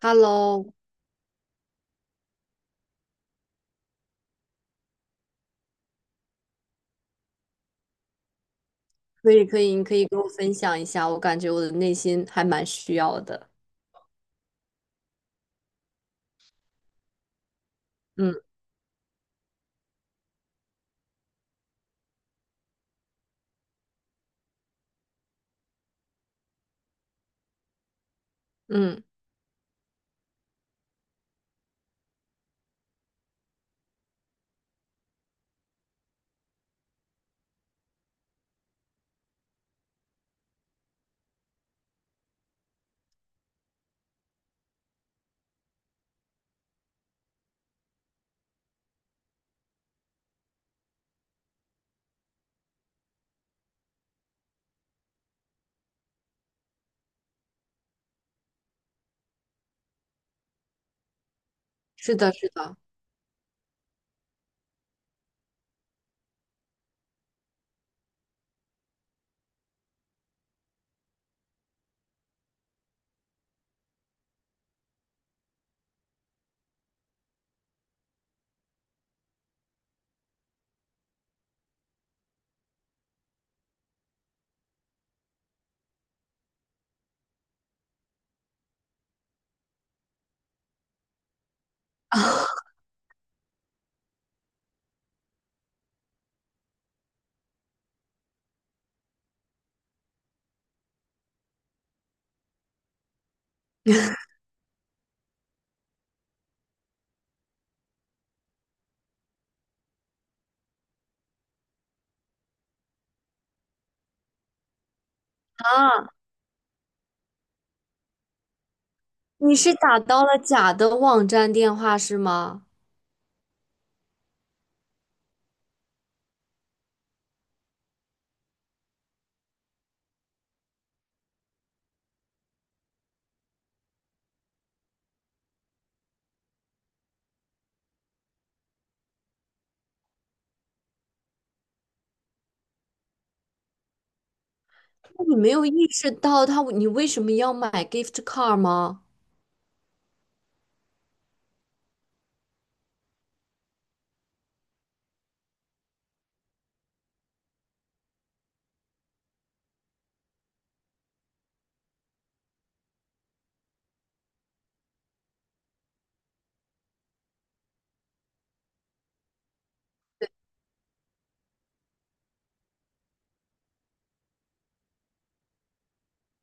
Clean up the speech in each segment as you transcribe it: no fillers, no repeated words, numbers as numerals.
Hello,可以，你可以跟我分享一下，我感觉我的内心还蛮需要的。嗯嗯，是的啊，你是打到了假的网站电话是吗？那你没有意识到他，你为什么要买 gift card 吗？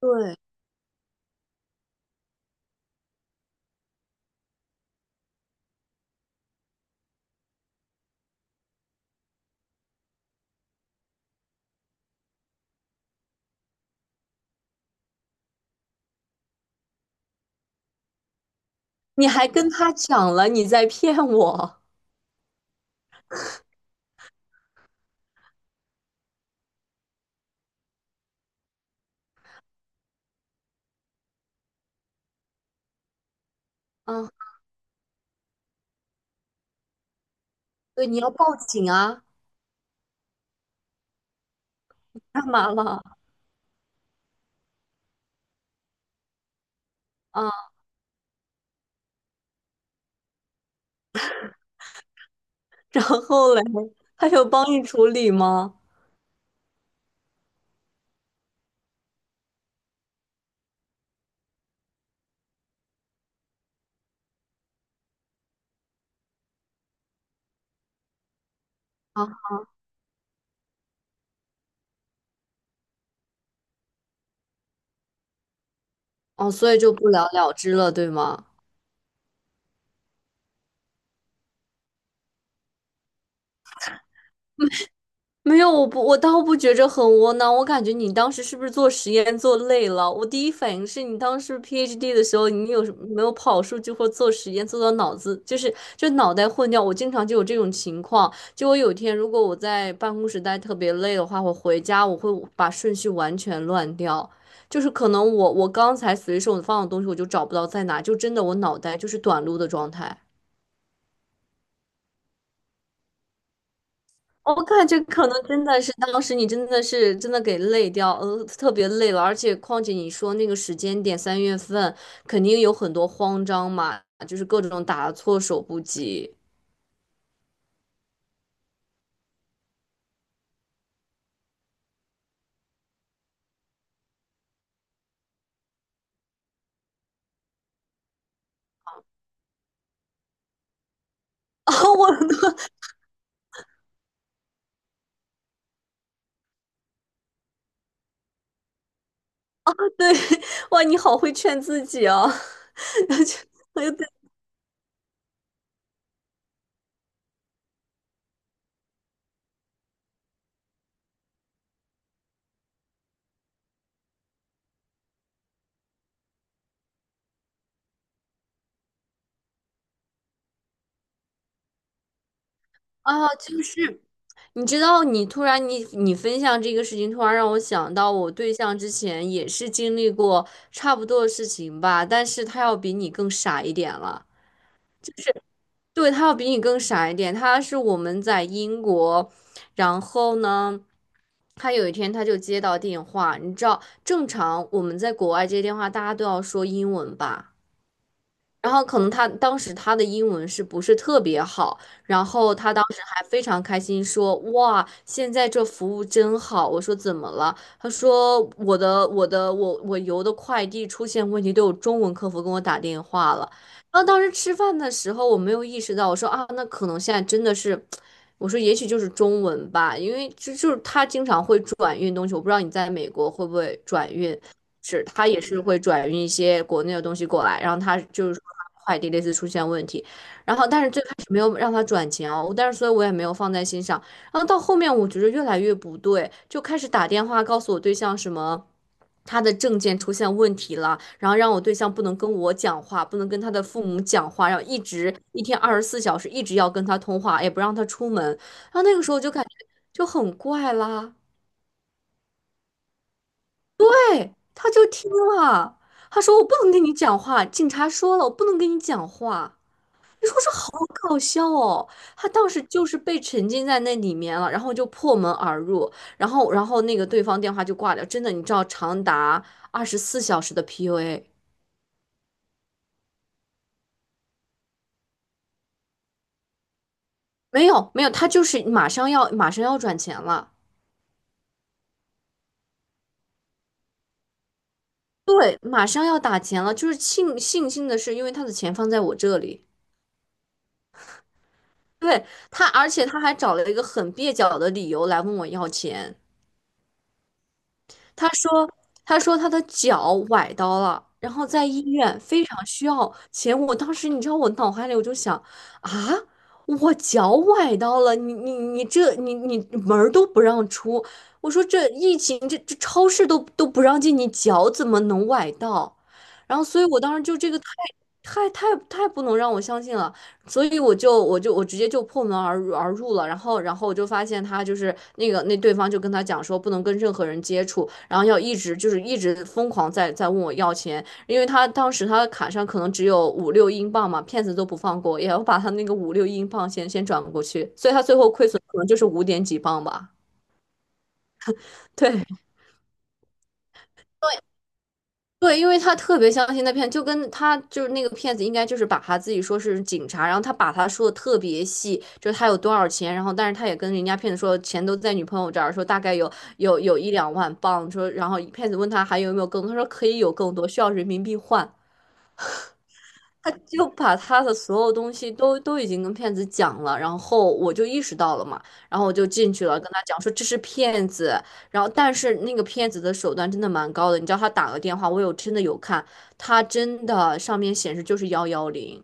对，你还跟他讲了你在骗我。啊，对，你要报警啊？干嘛了？啊，然后嘞，他有帮你处理吗？啊，哦，所以就不了了之了，对吗？没有，我不，我倒不觉着很窝囊。我感觉你当时是不是做实验做累了？我第一反应是你当时 PhD 的时候，你有什没有跑数据或做实验做到脑子就是就脑袋混掉？我经常就有这种情况。就我有一天如果我在办公室待特别累的话，我回家我会把顺序完全乱掉，就是可能我刚才随手放的东西我就找不到在哪，就真的我脑袋就是短路的状态。我感觉可能真的是当时你真的是真的给累掉，特别累了，而且况且你说那个时间点三月份，肯定有很多慌张嘛，就是各种打措手不及。 啊，我都对，哇，你好会劝自己啊。我就对啊，就是。你知道，你突然分享这个事情，突然让我想到，我对象之前也是经历过差不多的事情吧，但是他要比你更傻一点了。对，他要比你更傻一点。他是我们在英国，然后呢，他有一天他就接到电话，你知道，正常我们在国外接电话，大家都要说英文吧？然后可能他当时他的英文是不是特别好，然后他当时还非常开心说："哇，现在这服务真好。"我说："怎么了？"他说："我邮的快递出现问题，都有中文客服跟我打电话了。"然后当时吃饭的时候我没有意识到，我说："啊，那可能现在真的是，我说也许就是中文吧，因为就是他经常会转运东西，我不知道你在美国会不会转运。"是，他也是会转运一些国内的东西过来，然后他就是说他快递类似出现问题，然后但是最开始没有让他转钱哦，但是所以我也没有放在心上，然后到后面我觉得越来越不对，就开始打电话告诉我对象什么。他的证件出现问题了，然后让我对象不能跟我讲话，不能跟他的父母讲话，然后一直一天二十四小时一直要跟他通话，也不让他出门，然后那个时候我就感觉就很怪啦。对，他就听了，他说我不能跟你讲话，警察说了我不能跟你讲话。你说这好搞笑哦！他当时就是被沉浸在那里面了，然后就破门而入，然后那个对方电话就挂掉。真的，你知道长达二十四小时的 PUA,没有没有，他就是马上要转钱了，对，马上要打钱了。就是庆庆幸的是，因为他的钱放在我这里，对他，而且他还找了一个很蹩脚的理由来问我要钱。他说，他说他的脚崴到了，然后在医院非常需要钱。我当时你知道，我脑海里我就想啊，我脚崴到了，你你你这你你门儿都不让出。我说这疫情这超市都不让进，你脚怎么能崴到？然后，所以我当时就这个太不能让我相信了。所以我直接就破门而入了，然后我就发现他就是那个那对方就跟他讲说不能跟任何人接触，然后要一直就是一直疯狂在问我要钱，因为他当时他的卡上可能只有五六英镑嘛，骗子都不放过，也要把他那个五六英镑先转过去，所以他最后亏损可能就是五点几镑吧。对。对，因为他特别相信那骗子，就跟他就是那个骗子，应该就是把他自己说是警察，然后他把他说的特别细，就是他有多少钱，然后但是他也跟人家骗子说钱都在女朋友这儿，说大概有一两万镑，说然后骗子问他还有没有更多，他说可以有更多，需要人民币换，他就把他的所有东西都已经跟骗子讲了，然后我就意识到了嘛，然后我就进去了，跟他讲说这是骗子，然后但是那个骗子的手段真的蛮高的，你知道他打个电话，我有真的有看，他真的上面显示就是幺幺零，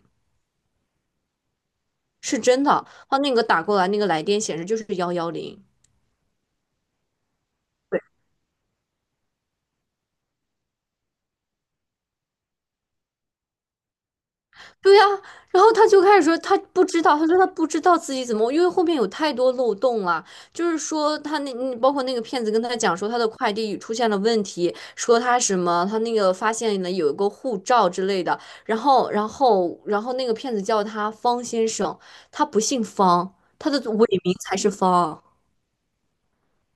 是真的，他那个打过来那个来电显示就是幺幺零。对呀、然后他就开始说他不知道，他说他不知道自己怎么，因为后面有太多漏洞了，就是说他那包括那个骗子跟他讲说他的快递出现了问题，说他什么他那个发现了有一个护照之类的，然后那个骗子叫他方先生，他不姓方，他的伪名才是方。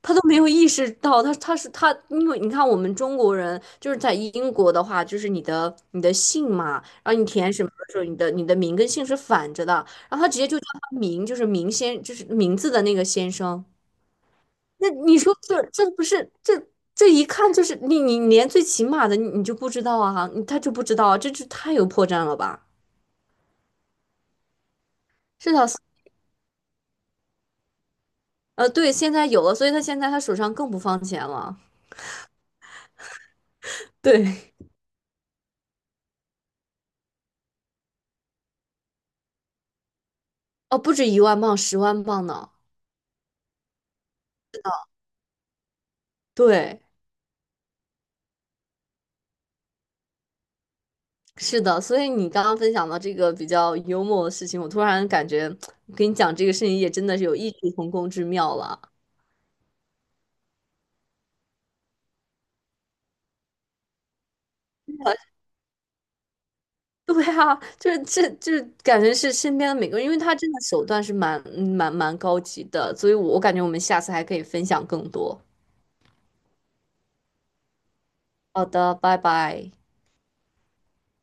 他都没有意识到，他，因为你看我们中国人就是在英国的话，就是你的姓嘛，然后你填什么的时候，你的名跟姓是反着的，然后他直接就叫他名，就是名先，就是名字的那个先生。那你说这不是这一看就是你你连最起码的你你就不知道啊，你他就不知道啊这就太有破绽了吧？是的，对，现在有了，所以他现在他手上更不放钱了。对，哦，不止一万镑，十万镑呢。对。是的，所以你刚刚分享到这个比较幽默的事情，我突然感觉跟你讲这个事情也真的是有异曲同工之妙了。对啊，就是这就是感觉是身边的每个人，因为他真的手段是蛮高级的，所以我感觉我们下次还可以分享更多。好的，拜拜。